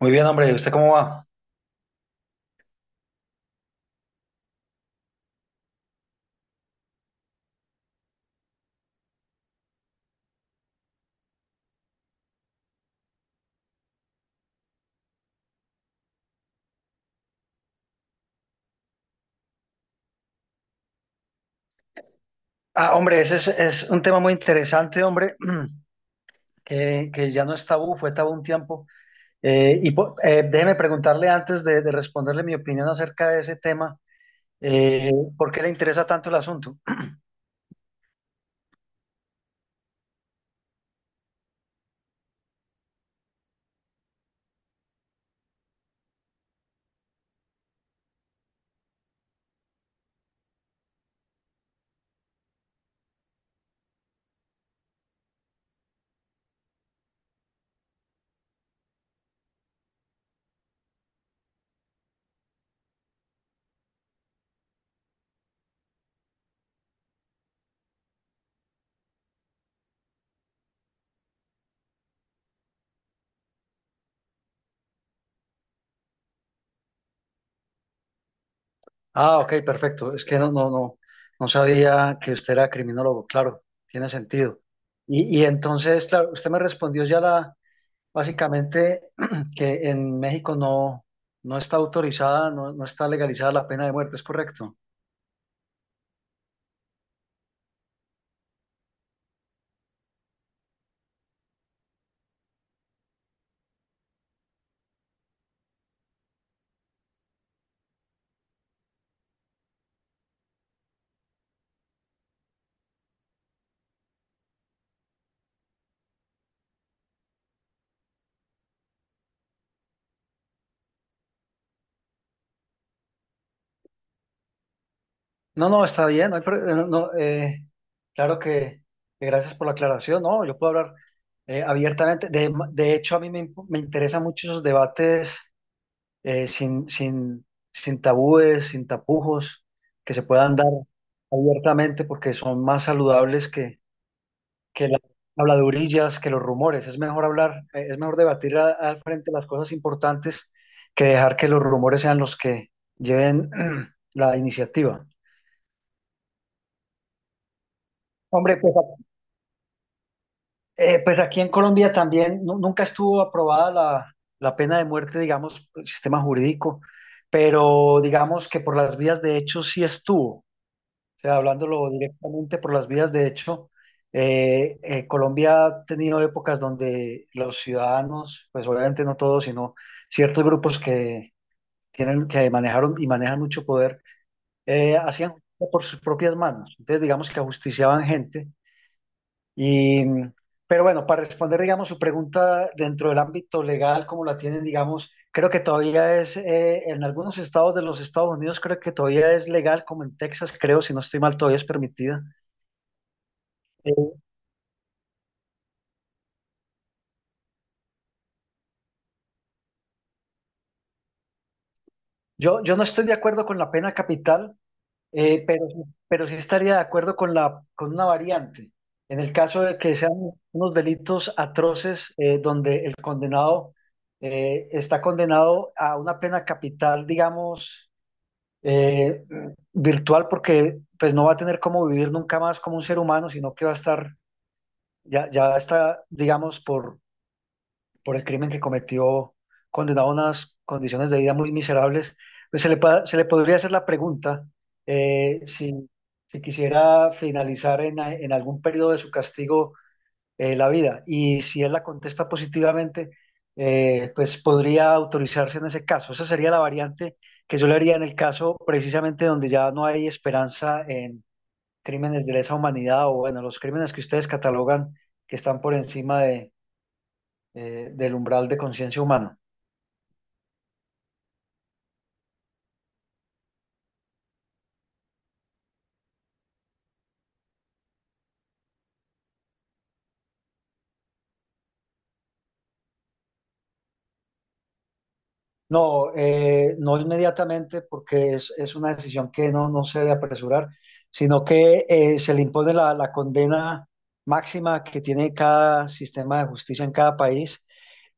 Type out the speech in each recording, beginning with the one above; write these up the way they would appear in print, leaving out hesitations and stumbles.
Muy bien, hombre, ¿usted cómo va? Ah, hombre, ese es un tema muy interesante, hombre, que ya no es tabú, fue tabú un tiempo. Déjeme preguntarle antes de responderle mi opinión acerca de ese tema, eh, ¿por qué le interesa tanto el asunto? Ah, ok, perfecto. Es que no, no sabía que usted era criminólogo, claro, tiene sentido. Y entonces, claro, usted me respondió ya la, básicamente que en México no está autorizada, no está legalizada la pena de muerte, ¿es correcto? No, no, está bien. No, hay pro- no, Claro que gracias por la aclaración. No, yo puedo hablar abiertamente. De hecho, a mí me, imp- me interesan mucho esos debates eh, sin, sin, sin tabúes, sin tapujos, que se puedan dar abiertamente porque son más saludables que las habladurillas, que los rumores. Es mejor hablar, es mejor debatir al frente las cosas importantes que dejar que los rumores sean los que lleven la iniciativa. Hombre, pues pues aquí en Colombia también nunca estuvo aprobada la pena de muerte, digamos, por el sistema jurídico, pero digamos que por las vías de hecho sí estuvo. O sea, hablándolo directamente por las vías de hecho, Colombia ha tenido épocas donde los ciudadanos, pues obviamente no todos, sino ciertos grupos que tienen, que manejaron y manejan mucho poder, hacían justicia por sus propias manos. Entonces, digamos que ajusticiaban gente y, pero bueno, para responder, digamos, su pregunta dentro del ámbito legal, como la tienen, digamos, creo que todavía es, en algunos estados de los Estados Unidos, creo que todavía es legal, como en Texas, creo, si no estoy mal, todavía es permitida. Eh, yo no estoy de acuerdo con la pena capital, eh, pero, pero sí estaría de acuerdo con con una variante. En el caso de que sean unos delitos atroces, donde el condenado está condenado a una pena capital, digamos, eh, virtual, porque pues no va a tener cómo vivir nunca más como un ser humano, sino que va a estar, ya está, digamos, por el crimen que cometió, condenado a unas condiciones de vida muy miserables, pues se le podría hacer la pregunta si, si quisiera finalizar en algún periodo de su castigo la vida. Y si él la contesta positivamente, pues podría autorizarse en ese caso. Esa sería la variante que yo le haría en el caso precisamente donde ya no hay esperanza en crímenes de lesa humanidad, o bueno, los crímenes que ustedes catalogan que están por encima de, del umbral de conciencia humana. No, no inmediatamente, porque es una decisión que no se debe apresurar, sino que se le impone la condena máxima que tiene cada sistema de justicia en cada país,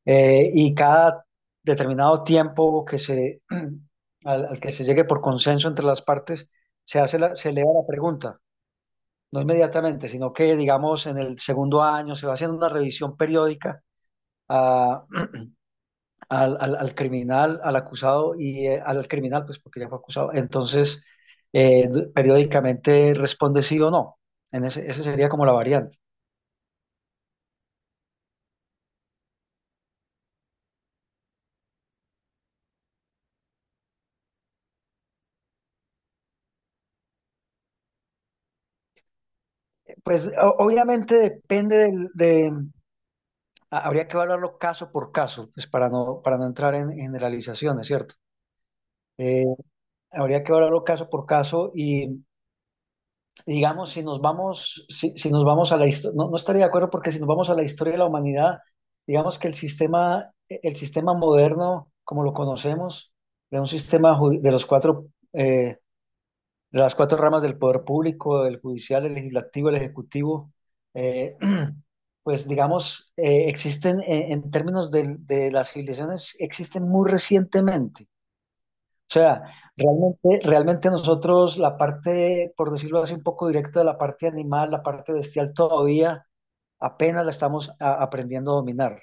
y cada determinado tiempo que se, al que se llegue por consenso entre las partes, se hace la, se eleva la pregunta, no inmediatamente, sino que digamos en el segundo año se va haciendo una revisión periódica a, al criminal, al acusado, y al criminal, pues porque ya fue acusado. Entonces, periódicamente responde sí o no. Esa sería como la variante. Pues obviamente depende habría que evaluarlo caso por caso, pues para no entrar en generalizaciones, ¿cierto? Eh, habría que evaluarlo caso por caso y digamos, si nos vamos, si nos vamos a la historia, no, no estaría de acuerdo porque si nos vamos a la historia de la humanidad, digamos que el sistema moderno, como lo conocemos, de un sistema de los cuatro, eh, de las cuatro ramas del poder público, el judicial, el legislativo, el ejecutivo, eh, pues digamos, existen en términos de las civilizaciones, existen muy recientemente. O sea, realmente, realmente nosotros la parte, por decirlo así, un poco directa de la parte animal, la parte bestial, todavía apenas la estamos aprendiendo a dominar.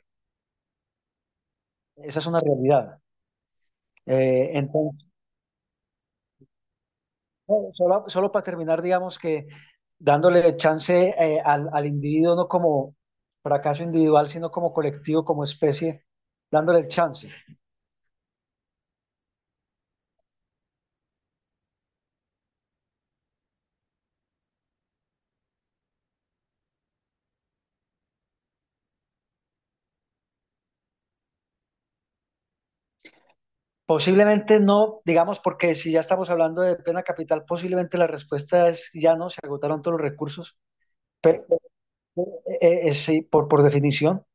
Esa es una realidad. Entonces, bueno, solo, solo para terminar, digamos que dándole chance al individuo, no como fracaso individual, sino como colectivo, como especie, dándole el chance. Posiblemente no, digamos, porque si ya estamos hablando de pena capital, posiblemente la respuesta es ya no, se agotaron todos los recursos. Pero Eh, sí, por definición,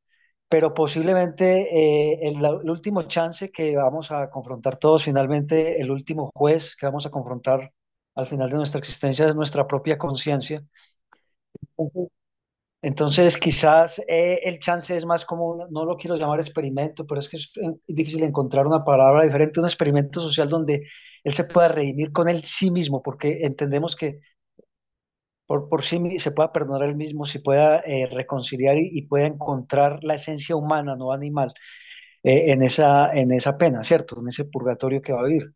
pero posiblemente el último chance que vamos a confrontar todos, finalmente el último juez que vamos a confrontar al final de nuestra existencia es nuestra propia conciencia. Entonces, entonces, quizás el chance es más como, no lo quiero llamar experimento, pero es que es difícil encontrar una palabra diferente, un experimento social donde él se pueda redimir con él sí mismo, porque entendemos que se pueda perdonar a él mismo, se pueda reconciliar y pueda encontrar la esencia humana, no animal, en esa pena, ¿cierto? En ese purgatorio que va a vivir.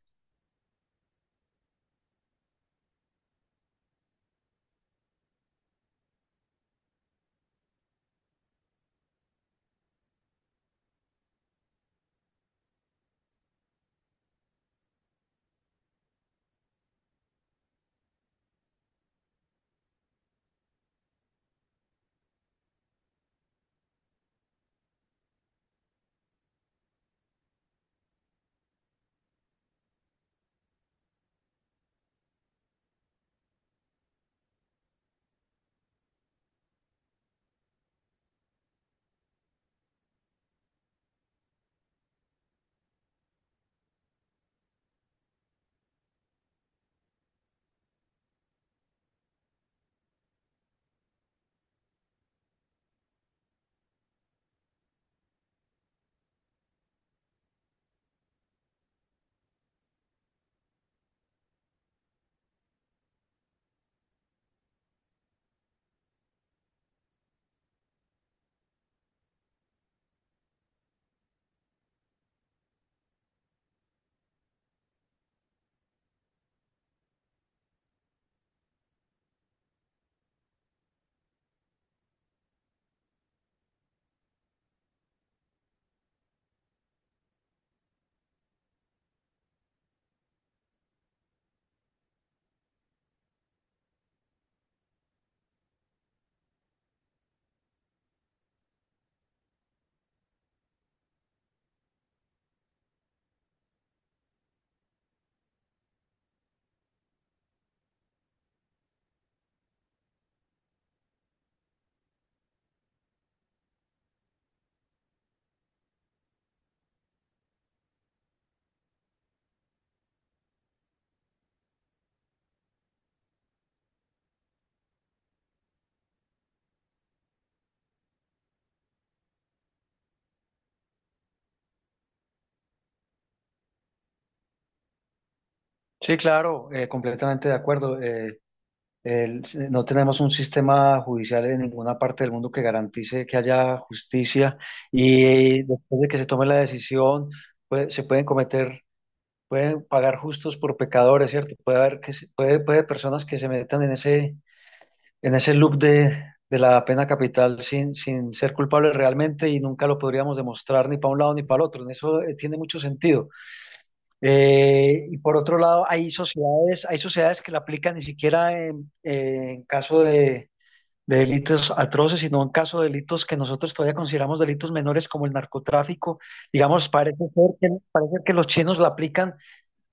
Sí, claro, completamente de acuerdo. No tenemos un sistema judicial en ninguna parte del mundo que garantice que haya justicia, y después de que se tome la decisión, pues, se pueden cometer, pueden pagar justos por pecadores, ¿cierto? Puede personas que se metan en ese, en ese loop de la pena capital sin, sin ser culpable realmente, y nunca lo podríamos demostrar ni para un lado ni para el otro. En eso tiene mucho sentido. Y por otro lado, hay sociedades que la aplican ni siquiera en caso de delitos atroces, sino en caso de delitos que nosotros todavía consideramos delitos menores como el narcotráfico. Digamos, parece ser que, parece que los chinos la aplican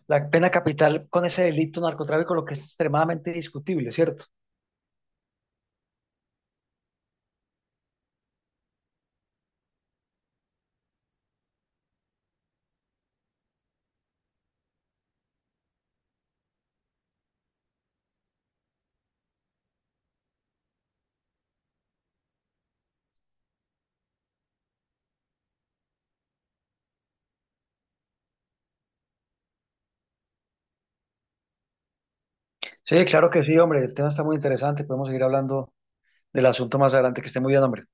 la pena capital con ese delito narcotráfico, lo que es extremadamente discutible, ¿cierto? Sí, claro que sí, hombre. El tema está muy interesante. Podemos seguir hablando del asunto más adelante. Que esté muy bien, hombre.